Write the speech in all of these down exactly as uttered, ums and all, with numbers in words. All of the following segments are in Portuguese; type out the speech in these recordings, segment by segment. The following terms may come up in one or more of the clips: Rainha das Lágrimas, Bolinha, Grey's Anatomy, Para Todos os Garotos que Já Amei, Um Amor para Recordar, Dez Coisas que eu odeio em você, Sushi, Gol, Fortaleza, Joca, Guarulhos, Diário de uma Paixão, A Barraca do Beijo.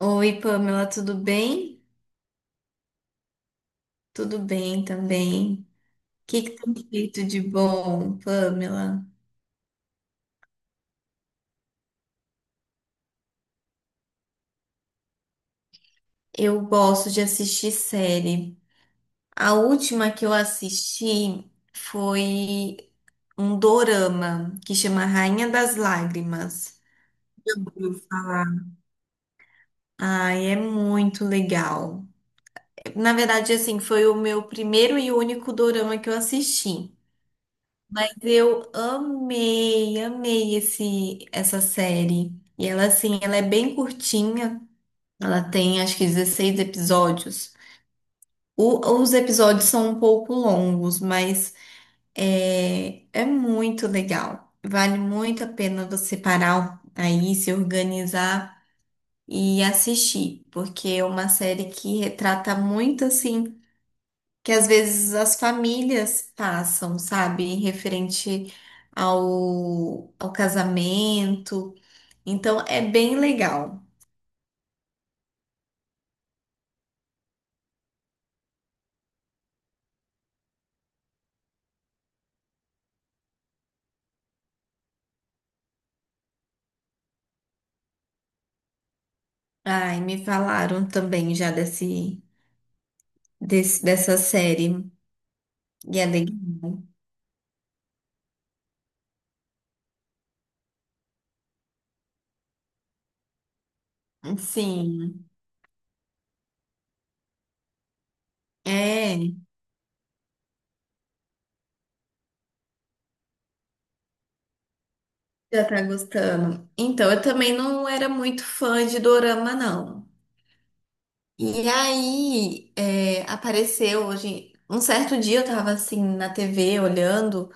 Oi, Pamela, tudo bem? Tudo bem também. O que que tem feito de bom, Pamela? Eu gosto de assistir série. A última que eu assisti foi um dorama que chama Rainha das Lágrimas. Ouviu falar. Ai, é muito legal. Na verdade, assim, foi o meu primeiro e único dorama que eu assisti. Eu amei, amei esse, essa série. E ela, assim, ela é bem curtinha. Ela tem, acho que, dezesseis episódios. O- os episódios são um pouco longos, mas é, é muito legal. Vale muito a pena você parar aí, se organizar e assistir, porque é uma série que retrata muito, assim, que às vezes as famílias passam, sabe, referente ao, ao casamento. Então é bem legal. Ai, me falaram também já desse, desse dessa série. E é legal. Sim, é, já tá gostando. Então, eu também não era muito fã de dorama, não. E aí, é, apareceu hoje, um certo dia eu tava assim na T V olhando.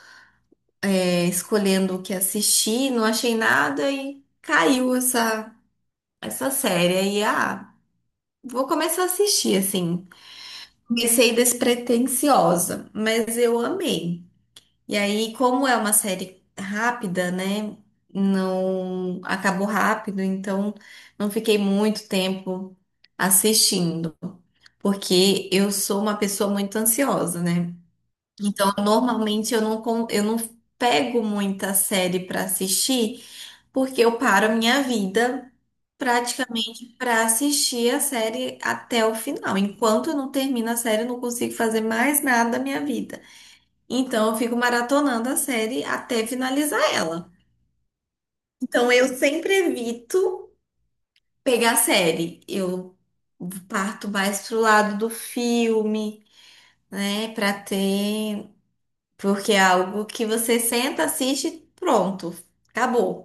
É, escolhendo o que assistir, não achei nada e caiu essa, essa série. Aí, ah, vou começar a assistir, assim. Comecei despretensiosa, mas eu amei. E aí, como é uma série rápida, né? Não acabou rápido, então não fiquei muito tempo assistindo, porque eu sou uma pessoa muito ansiosa, né? Então, normalmente eu não, con- eu não pego muita série para assistir, porque eu paro a minha vida praticamente para assistir a série até o final. Enquanto eu não termino a série, eu não consigo fazer mais nada da minha vida. Então eu fico maratonando a série até finalizar ela. Então eu sempre evito pegar série. Eu parto mais pro lado do filme, né, para ter, porque é algo que você senta, assiste, pronto, acabou.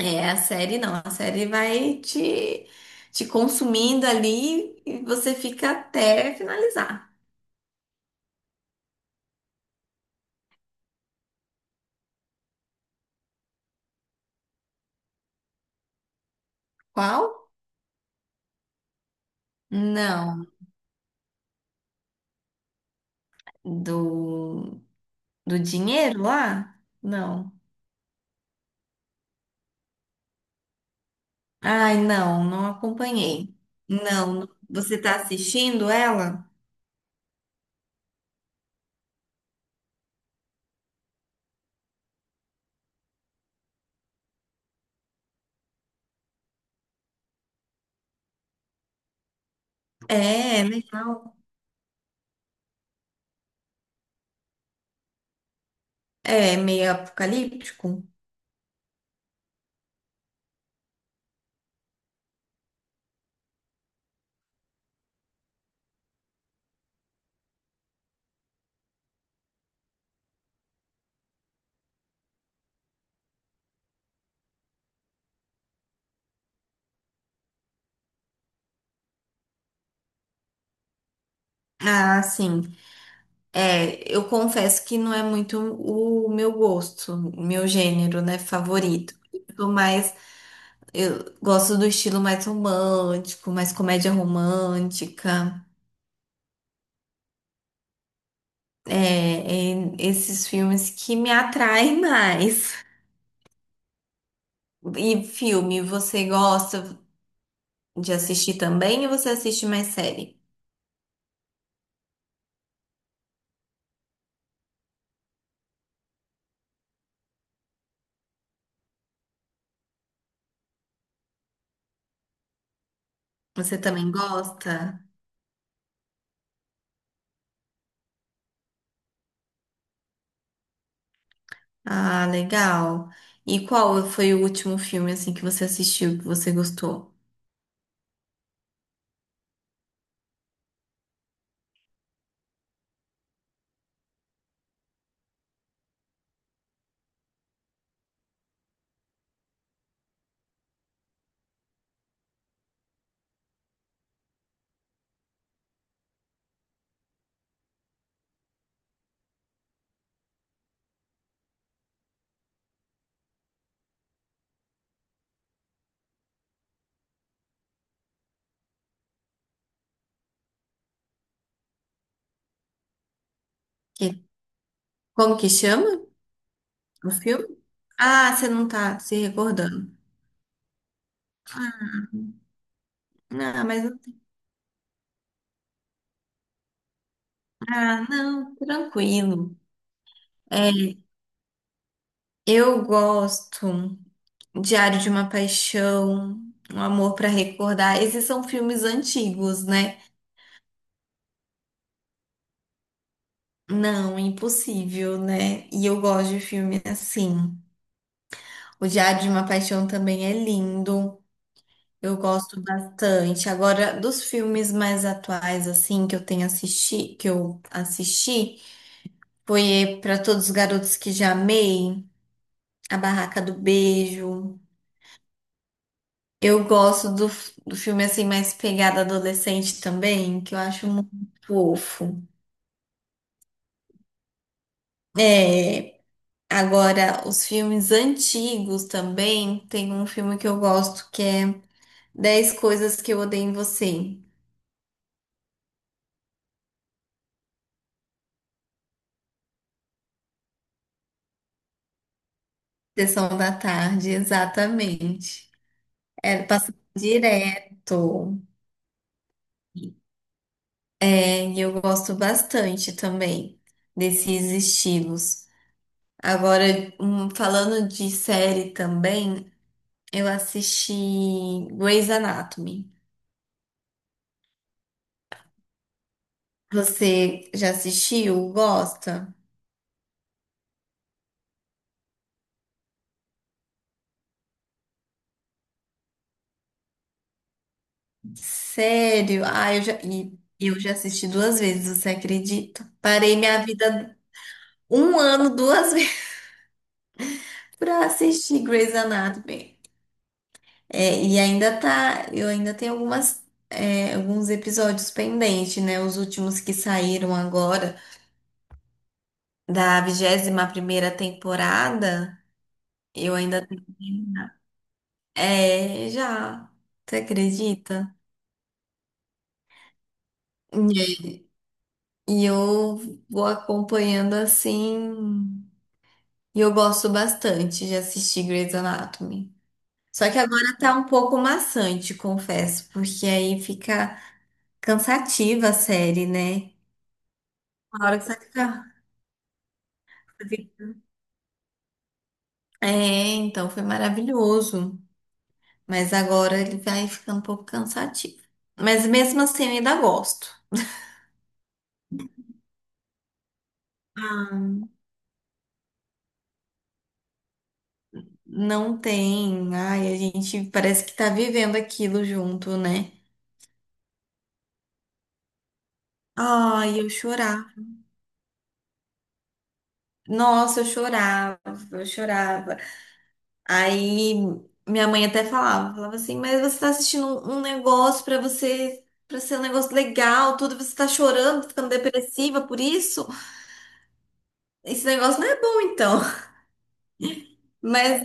É, a série não, a série vai te, te consumindo ali e você fica até finalizar. Qual? Não. Do, do dinheiro lá? Não. Ai, não, não acompanhei. Não, você tá assistindo ela? É, né? É meio apocalíptico. Ah, sim. É, eu confesso que não é muito o meu gosto, meu gênero, né, favorito. Eu sou mais. Eu gosto do estilo mais romântico, mais comédia romântica. É, é esses filmes que me atraem mais. E filme, você gosta de assistir também ou você assiste mais série? Você também gosta? Ah, legal. E qual foi o último filme assim que você assistiu que você gostou? Que- como que chama o filme? Ah, você não tá se recordando. Ah, mas ah, não, tranquilo. É, eu gosto Diário de uma Paixão, Um Amor para Recordar. Esses são filmes antigos, né? Não, impossível, né? E eu gosto de filme assim. O Diário de uma Paixão também é lindo. Eu gosto bastante. Agora, dos filmes mais atuais, assim, que eu tenho assisti, que eu assisti, foi Para Todos os Garotos que Já Amei, A Barraca do Beijo. Eu gosto do, f- do filme assim mais pegada adolescente também, que eu acho muito fofo. É, agora os filmes antigos também, tem um filme que eu gosto que é Dez Coisas que eu Odeio em Você. Sessão da tarde, exatamente. É, passa direto. É, e eu gosto bastante também desses estilos. Agora, hum, falando de série também, eu assisti Grey's Anatomy. Você já assistiu? Gosta? Sério? Ah, eu já, e eu já assisti duas vezes, você acredita? Parei minha vida um ano, duas vezes, pra assistir Grey's Anatomy. É, e ainda tá, eu ainda tenho algumas, é, alguns episódios pendentes, né? Os últimos que saíram agora da vigésima primeira temporada, eu ainda tenho. É, já. Você acredita? E e eu vou acompanhando assim. E eu gosto bastante de assistir Grey's Anatomy. Só que agora tá um pouco maçante, confesso, porque aí fica cansativa a série, né? Uma hora que você fica. É, então foi maravilhoso. Mas agora ele vai ficando um pouco cansativo. Mas mesmo assim eu ainda gosto. Ah, não tem. Ai, a gente parece que tá vivendo aquilo junto, né? Ai, eu chorar. Nossa, eu chorava, eu chorava. Aí minha mãe até falava, falava assim, mas você tá assistindo um, um negócio pra você, para ser um negócio legal, tudo, você tá chorando, tá ficando depressiva por isso? Esse negócio não é bom então. Mas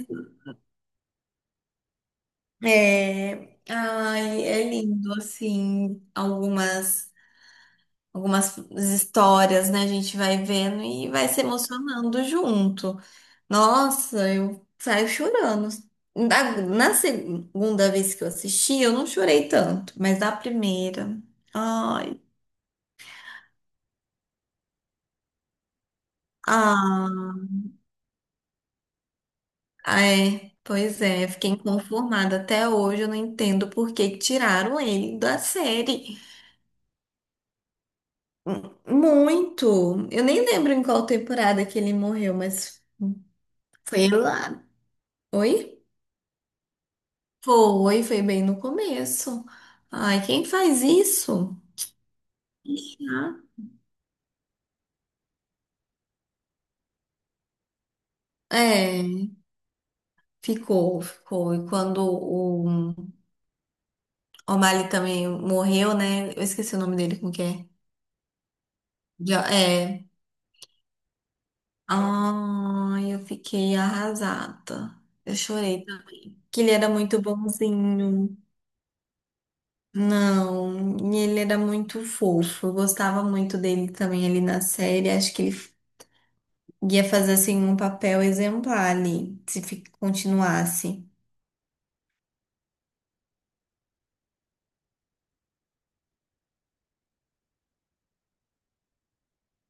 é, ai, é lindo assim, algumas algumas histórias, né? A gente vai vendo e vai se emocionando junto. Nossa, eu saio chorando. Na, na segunda vez que eu assisti, eu não chorei tanto, mas na primeira. Ai, ah, é. Pois é, fiquei inconformada. Até hoje eu não entendo por que que tiraram ele da série. M- muito. Eu nem lembro em qual temporada que ele morreu, mas foi lá. Oi? Foi, foi bem no começo. Ai, quem faz isso? Ah. É. Ficou, ficou. E quando o O'Malley também morreu, né? Eu esqueci o nome dele, como que é? Jo- é. Ai, eu fiquei arrasada. Eu chorei. Que ele era muito bonzinho. Não, e ele era muito fofo. Eu gostava muito dele também ali na série. Acho que ele ia fazer assim um papel exemplar ali, se fi- continuasse.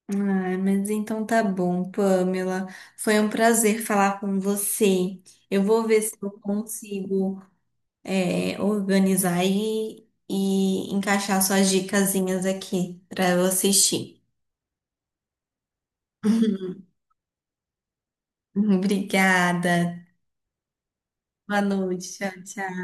Ah, mas então tá bom, Pamela. Foi um prazer falar com você. Eu vou ver se eu consigo, é, organizar e, e encaixar suas dicasinhas aqui para eu assistir. Obrigada. Boa noite. Tchau, tchau.